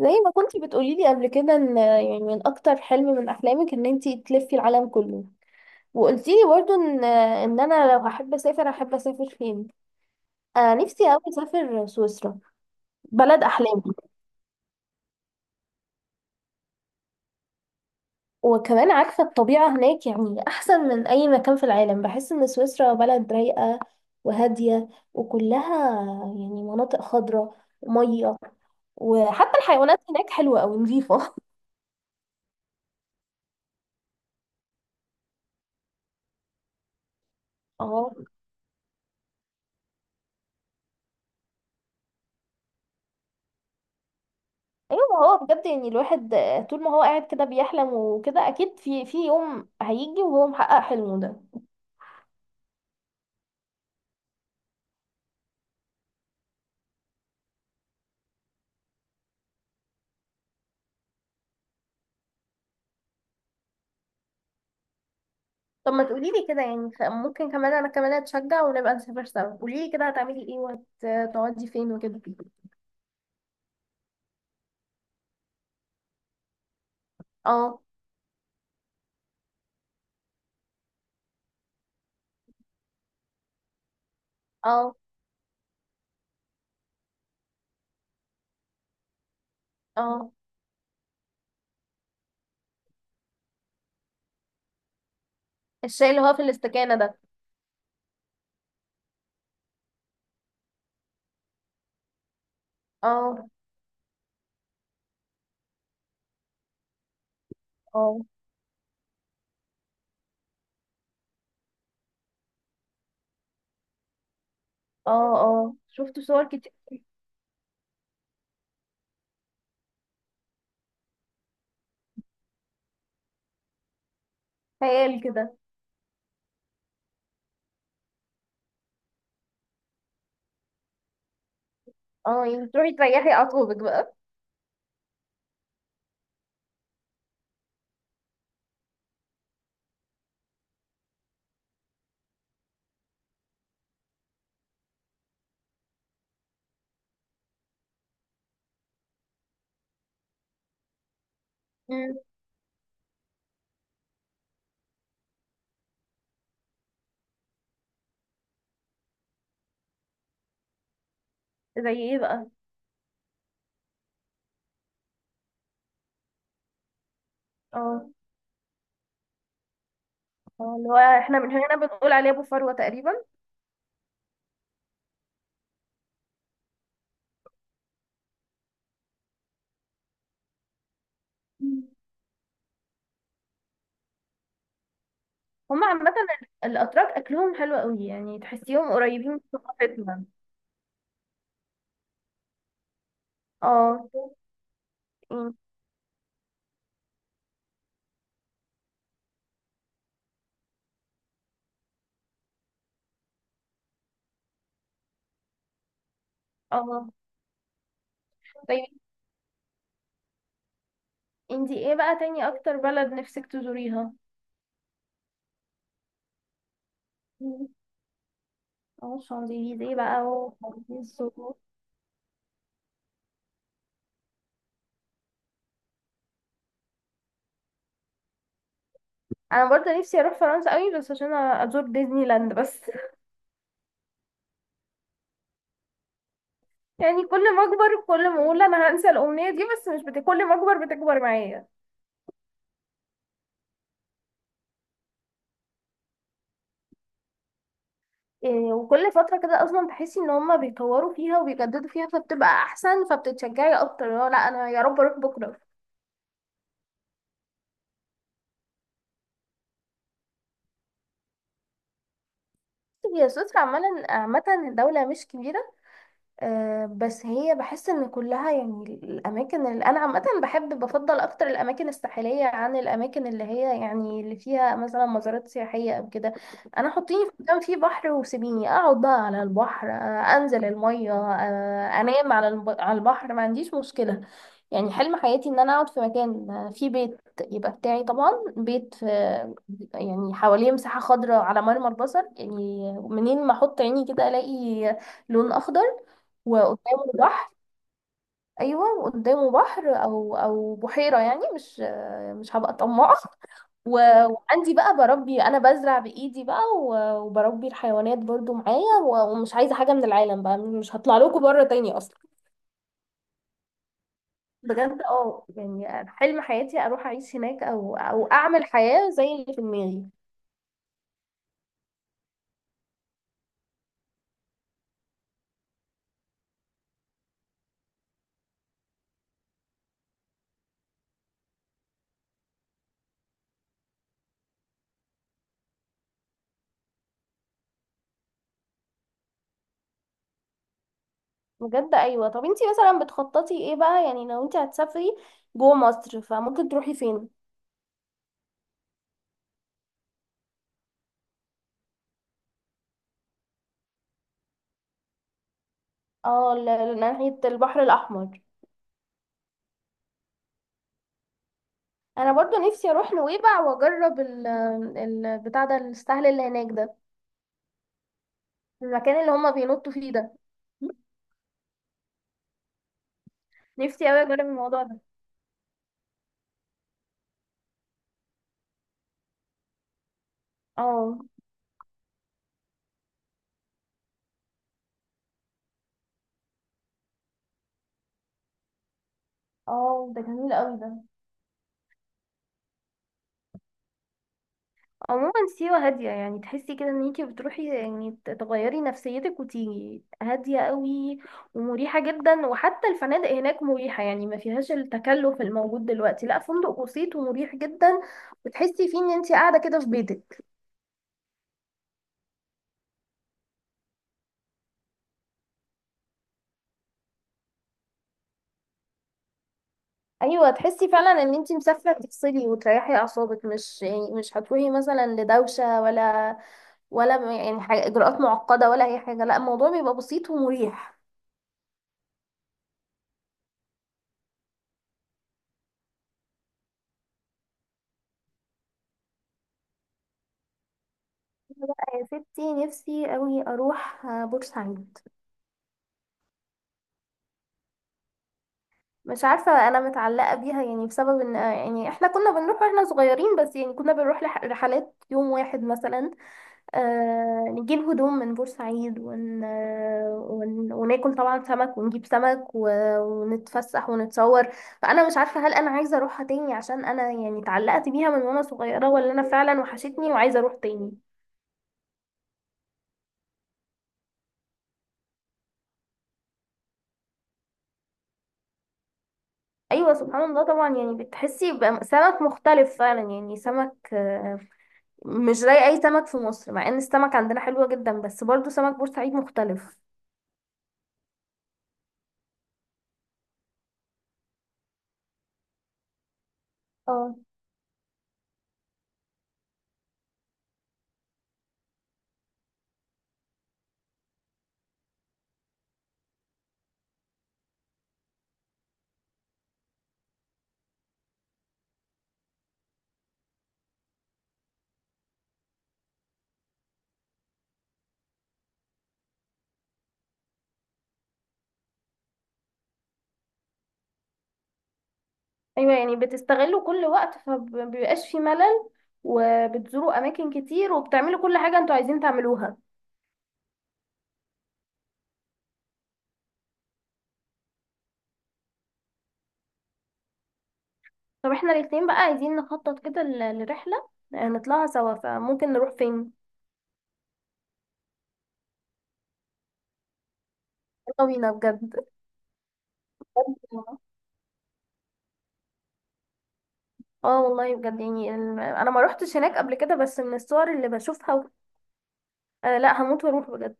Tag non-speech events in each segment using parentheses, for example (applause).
زي ما كنتي بتقولي لي قبل كده ان يعني من اكتر حلم من احلامك ان انتي تلفي العالم كله. وقلتي لي برضو ان انا لو هحب اسافر فين. انا نفسي قوي اسافر سويسرا، بلد احلامي. وكمان عارفه الطبيعه هناك، يعني احسن من اي مكان في العالم. بحس ان سويسرا بلد رايقه وهاديه، وكلها يعني مناطق خضراء وميه، وحتى الحيوانات هناك حلوه قوي، نظيفه. اه، ايوه، ما هو بجد يعني الواحد طول ما هو قاعد كده بيحلم وكده، اكيد في يوم هيجي وهو محقق حلمه ده. طب ما تقولي لي كده، يعني ممكن كمان انا كمان اتشجع ونبقى نسافر سوا. قولي لي كده، هتعملي ايه وهتقعدي فين وكده. اه، اه، اه، الشاي اللي هو في الاستكانة ده؟ اه، اه، اه، اه، شفت صور كتير، خيال كده. اه، يعني تروحي تريحي اعصابك بقى. مم. زي ايه بقى؟ اه، اه، اللي هو احنا من هنا بنقول عليه ابو فروة تقريبا. هما عامة الأتراك أكلهم حلو قوي، يعني تحسيهم قريبين من ثقافتنا. اه. إن- اه، طيب، انتي ايه بقى تاني أكتر بلد نفسك تزوريها؟ اه، شانزليزيه بقى وباريس أنا برضه نفسي أروح فرنسا قوي، بس عشان أزور ديزني لاند بس (laughs) يعني كل ما أكبر كل ما أقول أنا هنسى الأمنية دي، بس مش بت... كل ما أكبر بتكبر معايا. إيه، وكل فترة كده أصلا تحسي إن هما بيطوروا فيها وبيجددوا فيها، فبتبقى أحسن، فبتتشجعي أكتر اللي هو لأ أنا يا رب أروح بكرة. هي سويسرا عامة دولة مش كبيرة. بس هي بحس ان كلها، يعني الاماكن اللي انا عامه بحب، بفضل اكتر الاماكن الساحليه عن الاماكن اللي هي يعني اللي فيها مثلا مزارات سياحيه او كده. انا حطيني في مكان فيه بحر وسيبيني اقعد بقى على البحر، انزل الميه، انام على البحر، ما عنديش مشكله. يعني حلم حياتي ان انا اقعد في مكان فيه بيت يبقى بتاعي طبعا، بيت يعني حواليه مساحه خضراء على مرمى البصر، يعني منين ما احط عيني كده الاقي لون اخضر. وقدامه بحر. ايوه، وقدامه بحر او بحيره، يعني مش هبقى طماعه. و- وعندي بقى بربي، انا بزرع بايدي بقى، و- وبربي الحيوانات برضو معايا، و- ومش عايزه حاجه من العالم بقى، مش هطلع لكم بره تاني اصلا. بجد، اه، يعني حلم حياتي اروح اعيش هناك، او اعمل حياه زي اللي في دماغي. بجد، ايوه. طب انتي مثلا بتخططي ايه بقى، يعني لو انتي هتسافري جوه مصر، فممكن تروحي فين؟ اه، ناحيه البحر الاحمر. انا برضو نفسي اروح نويبع واجرب البتاع ده، السهل اللي هناك ده، المكان اللي هما بينطوا فيه ده. نفسي اوي اجرب الموضوع ده. اه، اه، ده جميل قوي ده. عموما سيوة هادية، يعني تحسي كده ان انتي بتروحي يعني تغيري نفسيتك وتيجي هادية قوي، ومريحة جدا. وحتى الفنادق هناك مريحة، يعني ما فيهاش التكلف الموجود دلوقتي. لا، فندق بسيط ومريح جدا، وتحسي فيه ان انتي قاعدة كده في بيتك. ايوه، تحسي فعلا ان انتي مسافره تفصلي وتريحي اعصابك، مش هتروحي مثلا لدوشه ولا يعني حاجة اجراءات معقده، ولا اي حاجه. لا، الموضوع بيبقى بسيط ومريح. أنا بقى يا ستي نفسي قوي اروح بورسعيد. مش عارفه، انا متعلقه بيها يعني بسبب ان يعني احنا كنا بنروح واحنا صغيرين، بس يعني كنا بنروح رحلات يوم واحد مثلا. نجيب هدوم من بورسعيد وناكل طبعا سمك ونجيب سمك ونتفسح ونتصور. فأنا مش عارفة هل أنا عايزة أروحها تاني عشان أنا يعني اتعلقت بيها من وأنا صغيرة، ولا أنا فعلا وحشتني وعايزة أروح تاني. أيوة، سبحان الله، طبعا يعني بتحسي بقى سمك مختلف فعلا، يعني سمك مش زي أي سمك في مصر، مع إن السمك عندنا حلوة جدا، بس برضو سمك بورسعيد مختلف. اه، ايوه، يعني بتستغلوا كل وقت فمبيبقاش في ملل، وبتزوروا اماكن كتير وبتعملوا كل حاجه انتوا عايزين تعملوها. طب احنا الاتنين بقى عايزين نخطط كده ل- لرحله نطلعها سوا، فممكن نروح فين؟ يلا بينا بجد (laughs) اه والله بجد، يعني انا ما روحتش هناك قبل كده، بس من الصور اللي بشوفها لا، هموت واروح بجد.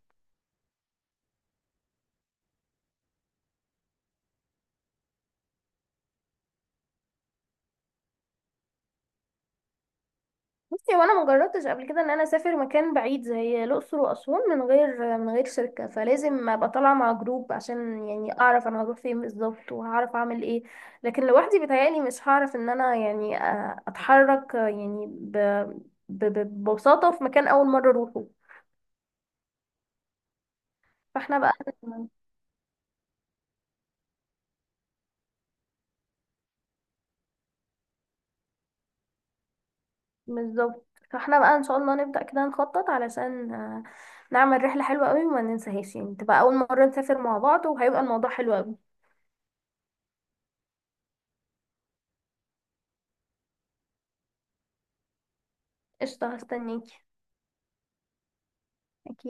بصي، وانا ما جربتش قبل كده ان انا اسافر مكان بعيد زي الاقصر واسوان من غير شركه، فلازم ابقى طالعه مع جروب عشان يعني اعرف انا هروح فين بالظبط وهعرف اعمل ايه. لكن لوحدي بيتهيألي مش هعرف ان انا يعني اتحرك، يعني ب... ب- ببساطه في مكان اول مره اروحه. فاحنا بقى. بالظبط. فاحنا بقى ان شاء الله نبدأ كده نخطط علشان نعمل رحله حلوه قوي وما ننساهاش، يعني تبقى اول مره نسافر مع بعض وهيبقى الموضوع حلو قوي. قشطه، هستنيكي.